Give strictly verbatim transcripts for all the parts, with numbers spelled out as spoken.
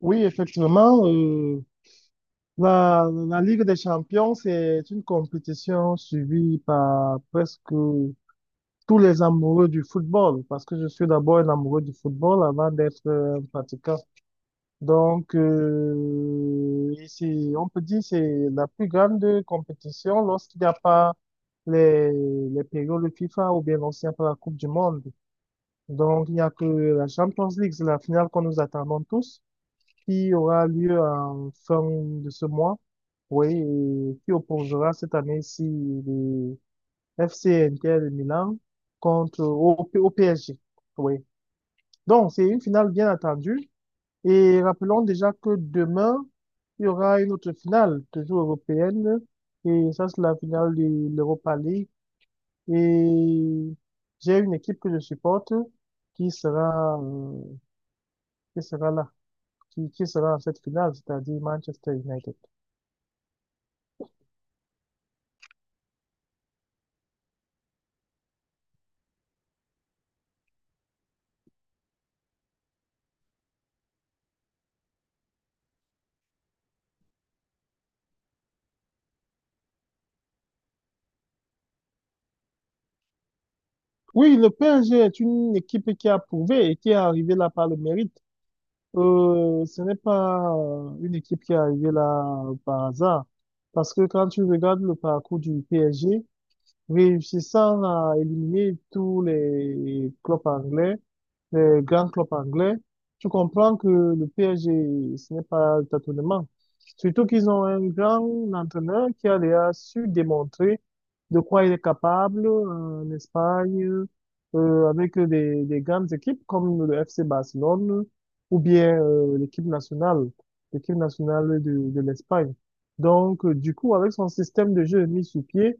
Oui, effectivement, euh, la, la Ligue des Champions, c'est une compétition suivie par presque tous les amoureux du football, parce que je suis d'abord un amoureux du football avant d'être un pratiquant. Donc, euh, ici, on peut dire que c'est la plus grande compétition lorsqu'il n'y a pas les, les périodes FIFA ou bien lorsqu'il n'y a pas la Coupe du Monde. Donc, il n'y a que la Champions League, c'est la finale qu'on nous attendons tous, qui aura lieu en fin de ce mois, oui, et qui opposera cette année-ci le F C Inter de Milan contre au, P- au P S G. Oui. Donc, c'est une finale bien attendue. Et rappelons déjà que demain, il y aura une autre finale, toujours européenne. Et ça, c'est la finale de l'Europa League. Et j'ai une équipe que je supporte qui sera, euh, qui sera là, qui, qui sera à cette finale, c'est-à-dire Manchester United. Oui, le P S G est une équipe qui a prouvé et qui est arrivée là par le mérite. Euh, ce n'est pas euh, une équipe qui est arrivée là par hasard. Parce que quand tu regardes le parcours du P S G, réussissant à éliminer tous les clubs anglais, les grands clubs anglais, tu comprends que le P S G, ce n'est pas le tâtonnement. Surtout qu'ils ont un grand entraîneur qui a déjà su démontrer de quoi il est capable en Espagne, euh, avec des, des grandes équipes comme le F C Barcelone ou bien euh, l'équipe nationale, l'équipe nationale de, de l'Espagne. Donc, euh, du coup, avec son système de jeu mis sur pied,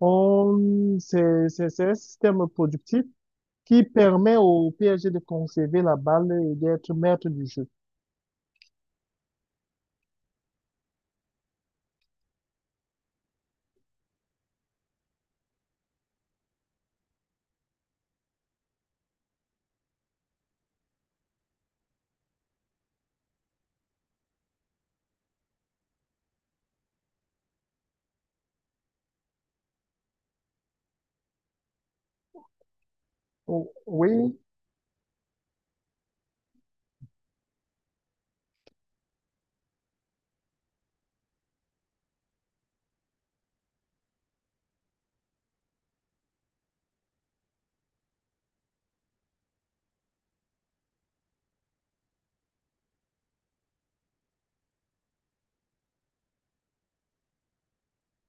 on, c'est, c'est, c'est un système productif qui permet au P S G de conserver la balle et d'être maître du jeu. Oh, oui,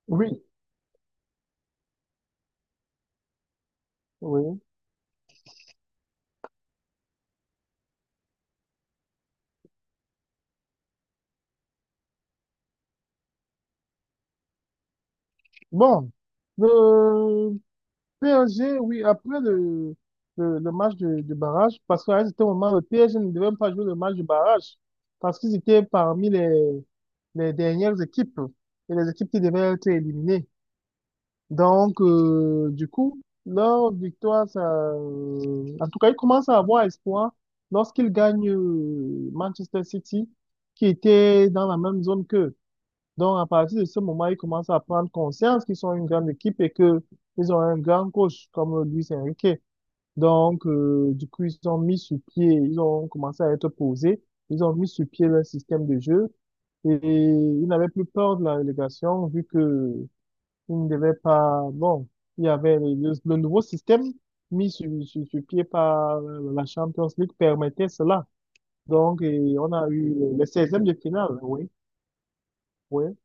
oui, oui. Bon, le P S G, oui, après le, le, le match de, de barrage, parce qu'à un certain moment, le P S G ne devait même pas jouer le match de barrage, parce qu'ils étaient parmi les, les dernières équipes et les équipes qui devaient être éliminées. Donc, euh, du coup, leur victoire, ça, euh, en tout cas, ils commencent à avoir espoir lorsqu'ils gagnent euh, Manchester City, qui était dans la même zone qu'eux. Donc, à partir de ce moment, ils commencent à prendre conscience qu'ils sont une grande équipe et que ils ont un grand coach comme Luis Enrique. Donc, euh, du coup, ils ont mis sur pied, ils ont commencé à être posés, ils ont mis sur pied leur système de jeu et ils n'avaient plus peur de la relégation vu que il ne devait pas... Bon, il y avait le, le- le nouveau système mis sur, sur, sur pied par euh, la Champions League permettait cela. Donc, et on a eu le seizième de finale, oui, oui.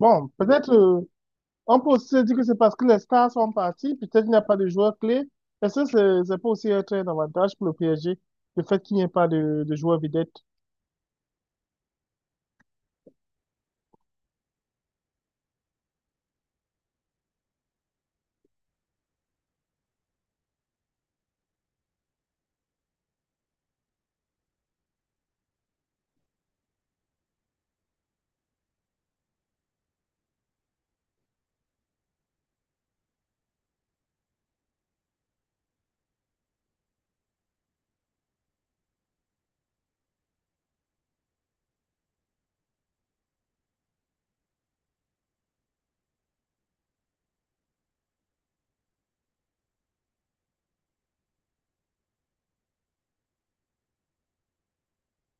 Bon, peut-être, euh, on peut aussi se dire que c'est parce que les stars sont partis, peut-être il n'y a pas de joueurs clés. Est-ce que c'est c'est pas aussi un très avantage pour le P S G, le fait qu'il n'y ait pas de, de joueurs vedettes?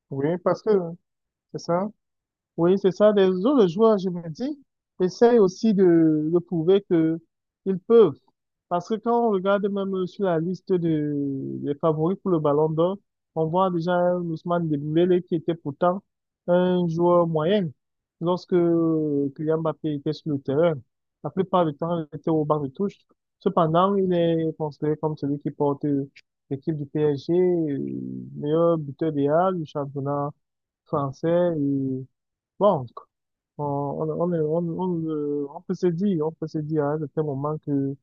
Oui, parce que c'est ça. Oui, c'est ça. Les autres joueurs, je me dis, essayent aussi de, de prouver que ils peuvent. Parce que quand on regarde même sur la liste de, des favoris pour le Ballon d'Or, on voit déjà un Ousmane Dembélé qui était pourtant un joueur moyen lorsque Kylian Mbappé était sur le terrain. La plupart du temps, il était au banc de touche. Cependant, il est considéré comme celui qui porte l'équipe du P S G, euh, meilleur buteur des Halles, du championnat français. Et bon, on, on, on, est- on, on, le- on peut se dire, on peut se dire à un certain moment que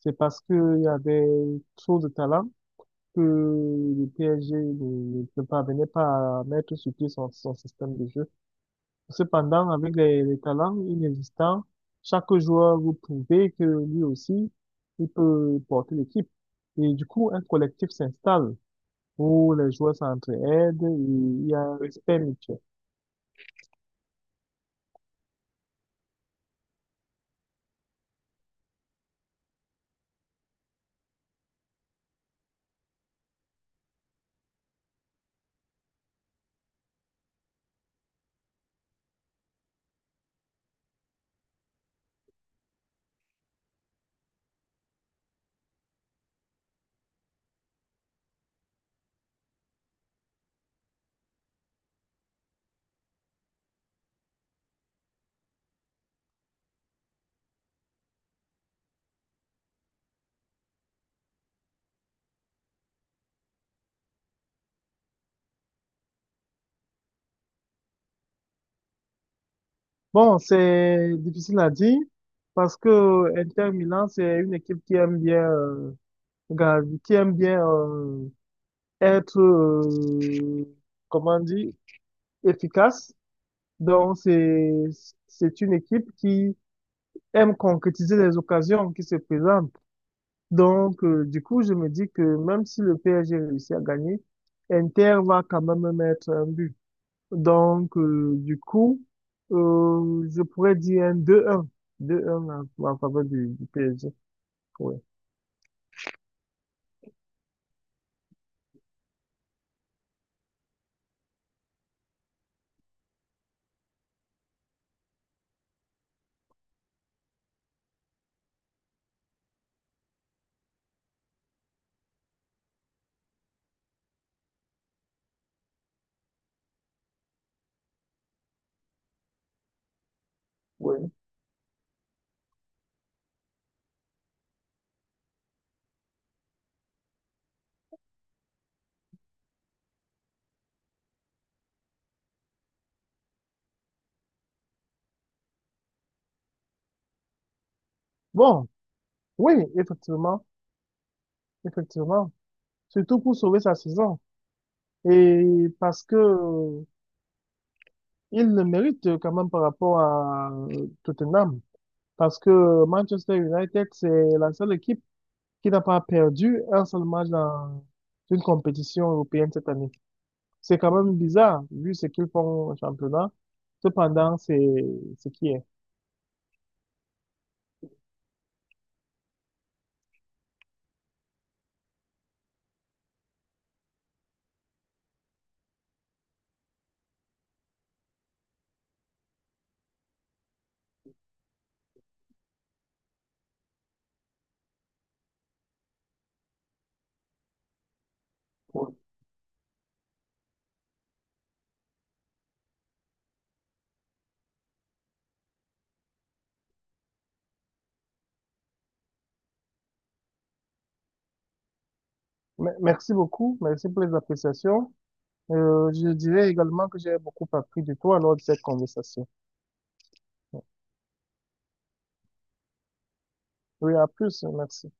c'est parce qu'il y avait trop de talent que le P S G ne, ne parvenait pas à mettre sur pied son, son système de jeu. Cependant, avec les, les talents inexistants, chaque joueur vous prouvait que lui aussi, il peut porter l'équipe. Et du coup, un collectif s'installe où les joueurs s'entraident et il y a un respect mutuel. Bon, c'est difficile à dire parce que Inter Milan, c'est une équipe qui aime bien, euh, gar- qui aime bien euh, être, euh, comment dire, efficace. Donc, c'est, c'est une équipe qui aime concrétiser les occasions qui se présentent. Donc, euh, du coup, je me dis que même si le P S G réussit à gagner, Inter va quand même mettre un but. Donc, euh, du coup, euh, je pourrais dire un deux un deux un en, en faveur du, du P S G. Oui. Oui. Bon, oui, effectivement. Effectivement. Surtout pour sauver sa saison. Et parce que euh, il le mérite quand même par rapport à euh, Tottenham. Parce que Manchester United, c'est la seule équipe qui n'a pas perdu un seul match dans une compétition européenne cette année. C'est quand même bizarre, vu ce qu'ils font au championnat. Cependant, c'est ce qui est. Me- Merci beaucoup, merci pour les appréciations. Euh, je dirais également que j'ai beaucoup appris de toi lors de cette conversation. Oui, à plus, merci.